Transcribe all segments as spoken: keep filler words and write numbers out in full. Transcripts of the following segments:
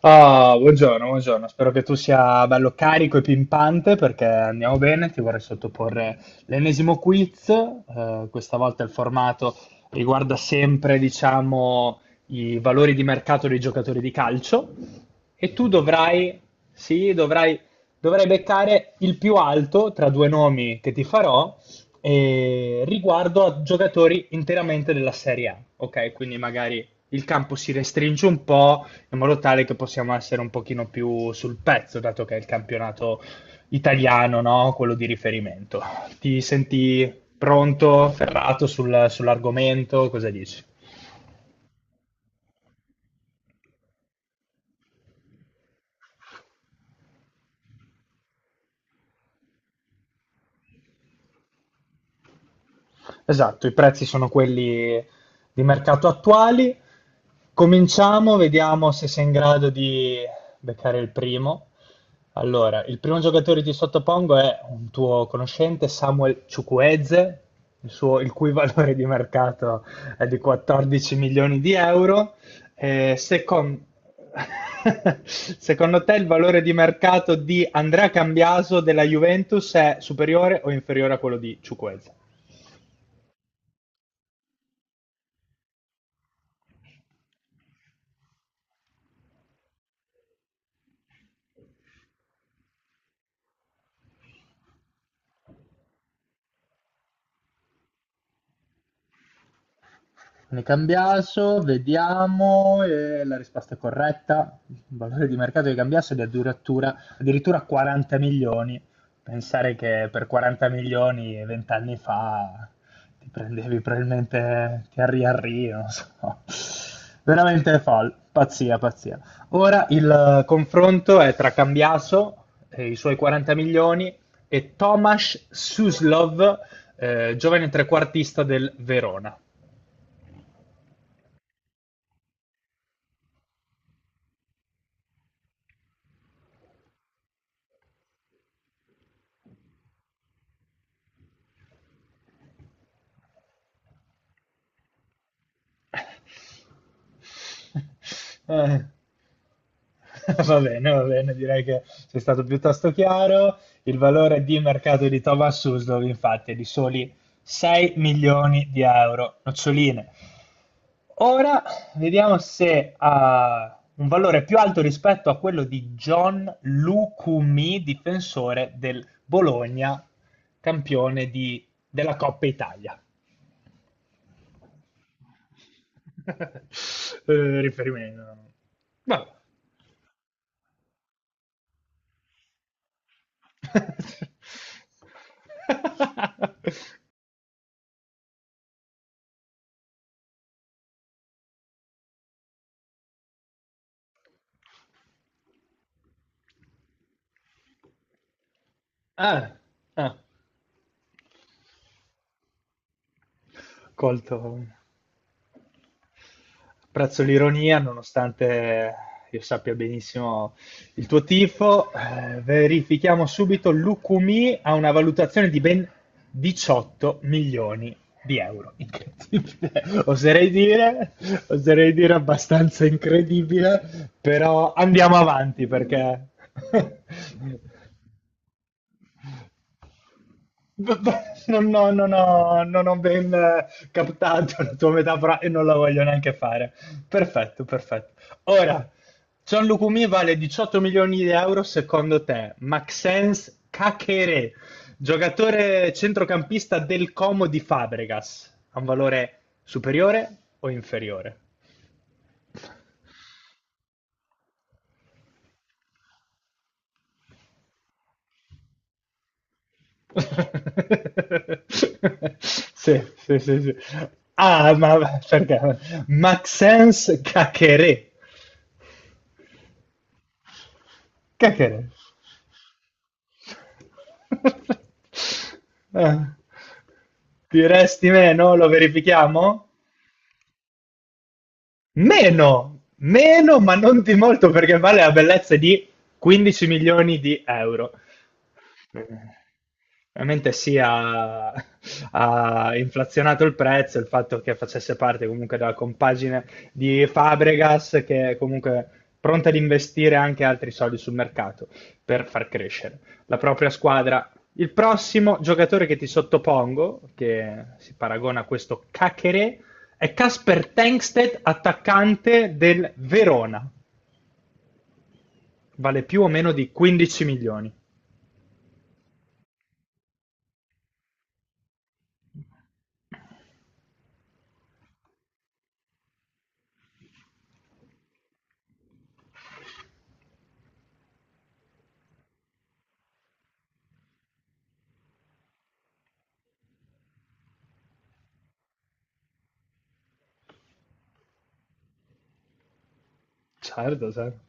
Ah, buongiorno, buongiorno. Spero che tu sia bello carico e pimpante perché andiamo bene. Ti vorrei sottoporre l'ennesimo quiz. Eh, questa volta il formato riguarda sempre, diciamo, i valori di mercato dei giocatori di calcio. E tu dovrai, sì, dovrai, dovrai beccare il più alto tra due nomi che ti farò eh, riguardo a giocatori interamente della Serie A. Ok, quindi magari il campo si restringe un po' in modo tale che possiamo essere un pochino più sul pezzo, dato che è il campionato italiano, no? Quello di riferimento. Ti senti pronto, ferrato sul- sull'argomento? Cosa dici? Esatto, i prezzi sono quelli di mercato attuali. Cominciamo, vediamo se sei in grado di beccare il primo. Allora, il primo giocatore che ti sottopongo è un tuo conoscente, Samuel Chukwueze, il suo- il cui valore di mercato è di quattordici milioni di euro. Eh, secon- Secondo te il valore di mercato di Andrea Cambiaso della Juventus è superiore o inferiore a quello di Chukwueze? Ne Cambiaso, vediamo, e la risposta è corretta. Il valore di mercato di Cambiaso è di addirittura, addirittura quaranta milioni. Pensare che per quaranta milioni vent'anni fa ti prendevi probabilmente Thierry Henry, non so. Veramente folle, pazzia, pazzia. Ora il confronto è tra Cambiaso e i suoi quaranta milioni e Tomasz Suslov, eh, giovane trequartista del Verona. Eh, Va bene, va bene, direi che sei stato piuttosto chiaro. Il valore di mercato di Thomas Suslow, infatti, è di soli sei milioni di euro, noccioline. Ora vediamo se ha un valore più alto rispetto a quello di John Lucumi, difensore del Bologna, campione di- della Coppa Italia. Eh, riferimento. Vabbè. Ah, ah, colto. Apprezzo l'ironia, nonostante io sappia benissimo il tuo tifo. Eh, verifichiamo subito. Lukumi ha una valutazione di ben diciotto milioni di euro. Incredibile. Oserei dire, oserei dire abbastanza incredibile, però andiamo avanti perché B- b- Non, no, non ho, non ho ben eh, captato la tua metafora e non la voglio neanche fare. Perfetto, perfetto. Ora, Gianlucumi vale diciotto milioni di euro secondo te. Maxence Kakere, giocatore centrocampista del Como di Fabregas, ha un valore superiore o inferiore? Sì, sì, sì, sì. Ah, ma perché? Maxence Kakere. Kekere. Eh, Ti resti meno? Lo verifichiamo? Meno! Meno, ma non di molto perché vale la bellezza di quindici milioni di euro. Eh, Veramente sì, ha, ha inflazionato il prezzo il fatto che facesse parte comunque della compagine di Fabregas, che è comunque pronta ad investire anche altri soldi sul mercato per far crescere la propria squadra. Il prossimo giocatore che ti sottopongo, che si paragona a questo Cachere, è Casper Tengsted, attaccante del Verona. Vale più o meno di quindici milioni. Certo, certo.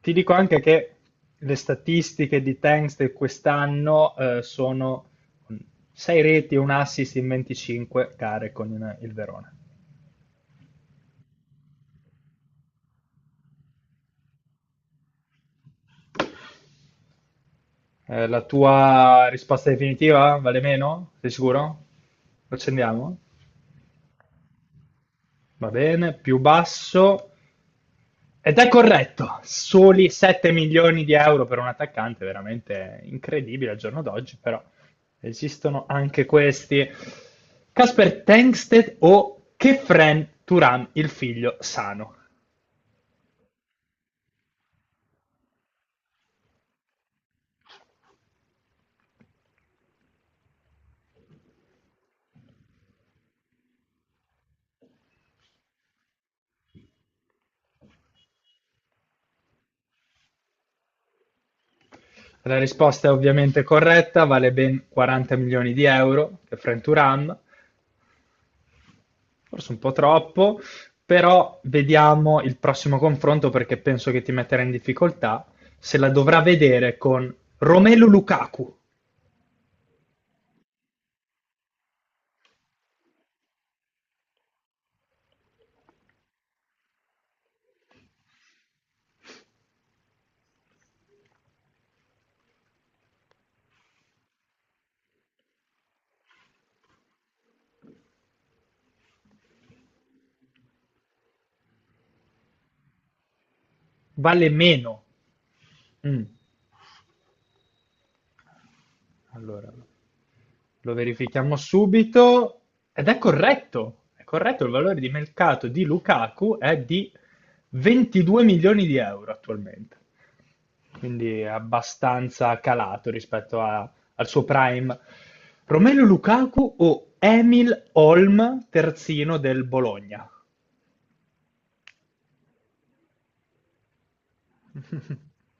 Ti dico anche che le statistiche di Tanks di quest'anno eh, sono sei reti e un assist in venticinque gare con il il Verona. Eh, la tua risposta definitiva vale meno? Sei sicuro? Lo accendiamo? Va bene, più basso. Ed è corretto, soli sette milioni di euro per un attaccante, veramente incredibile al giorno d'oggi, però esistono anche questi. Casper Tengsted o Kefren Turan, il figlio sano? La risposta è ovviamente corretta, vale ben quaranta milioni di euro, Kefren Turan, forse un po' troppo, però vediamo il prossimo confronto perché penso che ti metterà in difficoltà se la dovrà vedere con Romelu Lukaku. Vale meno. Mm, Allora, lo verifichiamo subito. Ed è corretto. È corretto, il valore di mercato di Lukaku è di ventidue milioni di euro attualmente. Quindi è abbastanza calato rispetto a- al suo prime. Romelu Lukaku o Emil Holm, terzino del Bologna?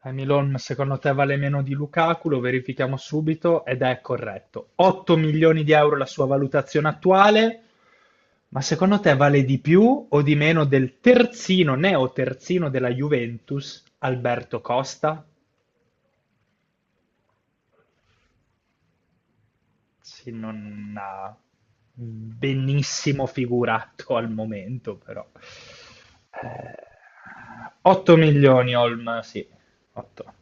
Hamiloan secondo te vale meno di Lukaku, lo verifichiamo subito ed è corretto. otto milioni di euro la sua valutazione attuale, ma secondo te vale di più o di meno del terzino, neo terzino della Juventus, Alberto Costa? Sì, non ha benissimo figurato al momento, però. Eh, otto milioni, Olm, sì, otto.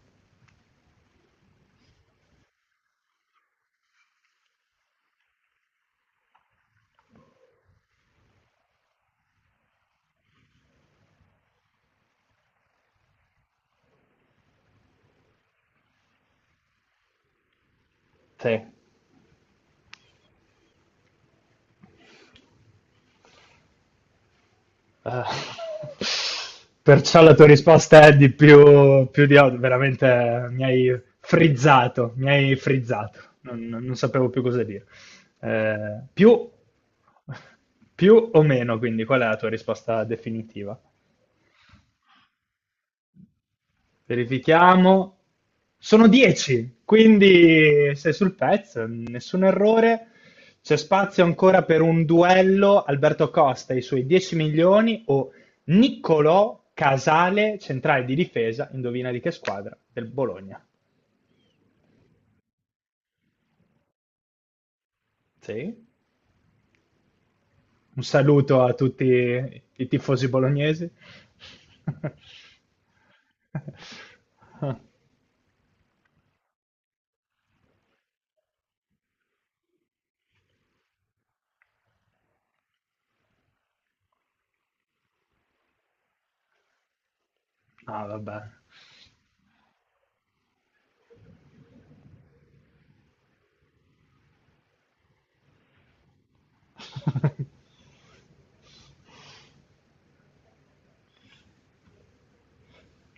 Sì, Eh, perciò la tua risposta è di più, più di altro. Veramente eh, mi hai frizzato, mi hai frizzato. Non, non- non sapevo più cosa dire. Eh, più, più o meno, quindi, qual è la tua risposta definitiva? Verifichiamo. Sono dieci, quindi sei sul pezzo, nessun errore. C'è spazio ancora per un duello Alberto Costa e i suoi dieci milioni o Niccolò Casale, centrale di difesa, indovina di che squadra? Del Bologna. Sì. Un saluto a tutti i tifosi bolognesi. Ah, vabbè.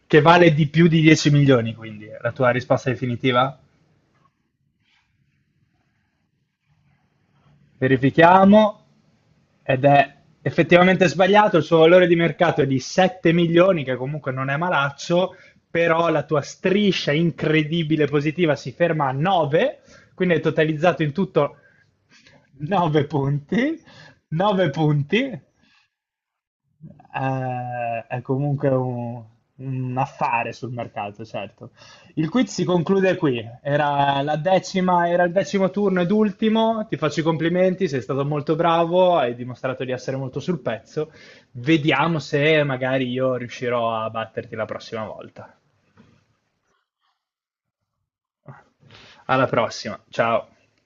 Che vale di più di dieci milioni, quindi la tua risposta definitiva? Verifichiamo. Ed è effettivamente sbagliato, il suo valore di mercato è di sette milioni, che comunque non è malaccio, però la tua striscia incredibile positiva si ferma a nove, quindi hai totalizzato in tutto nove punti, nove punti, Eh, è comunque un, un affare sul mercato, certo. Il quiz si conclude qui. Era la decima, era il decimo turno ed ultimo. Ti faccio i complimenti, sei stato molto bravo, hai dimostrato di essere molto sul pezzo. Vediamo se magari io riuscirò a batterti la prossima volta. Alla prossima, ciao.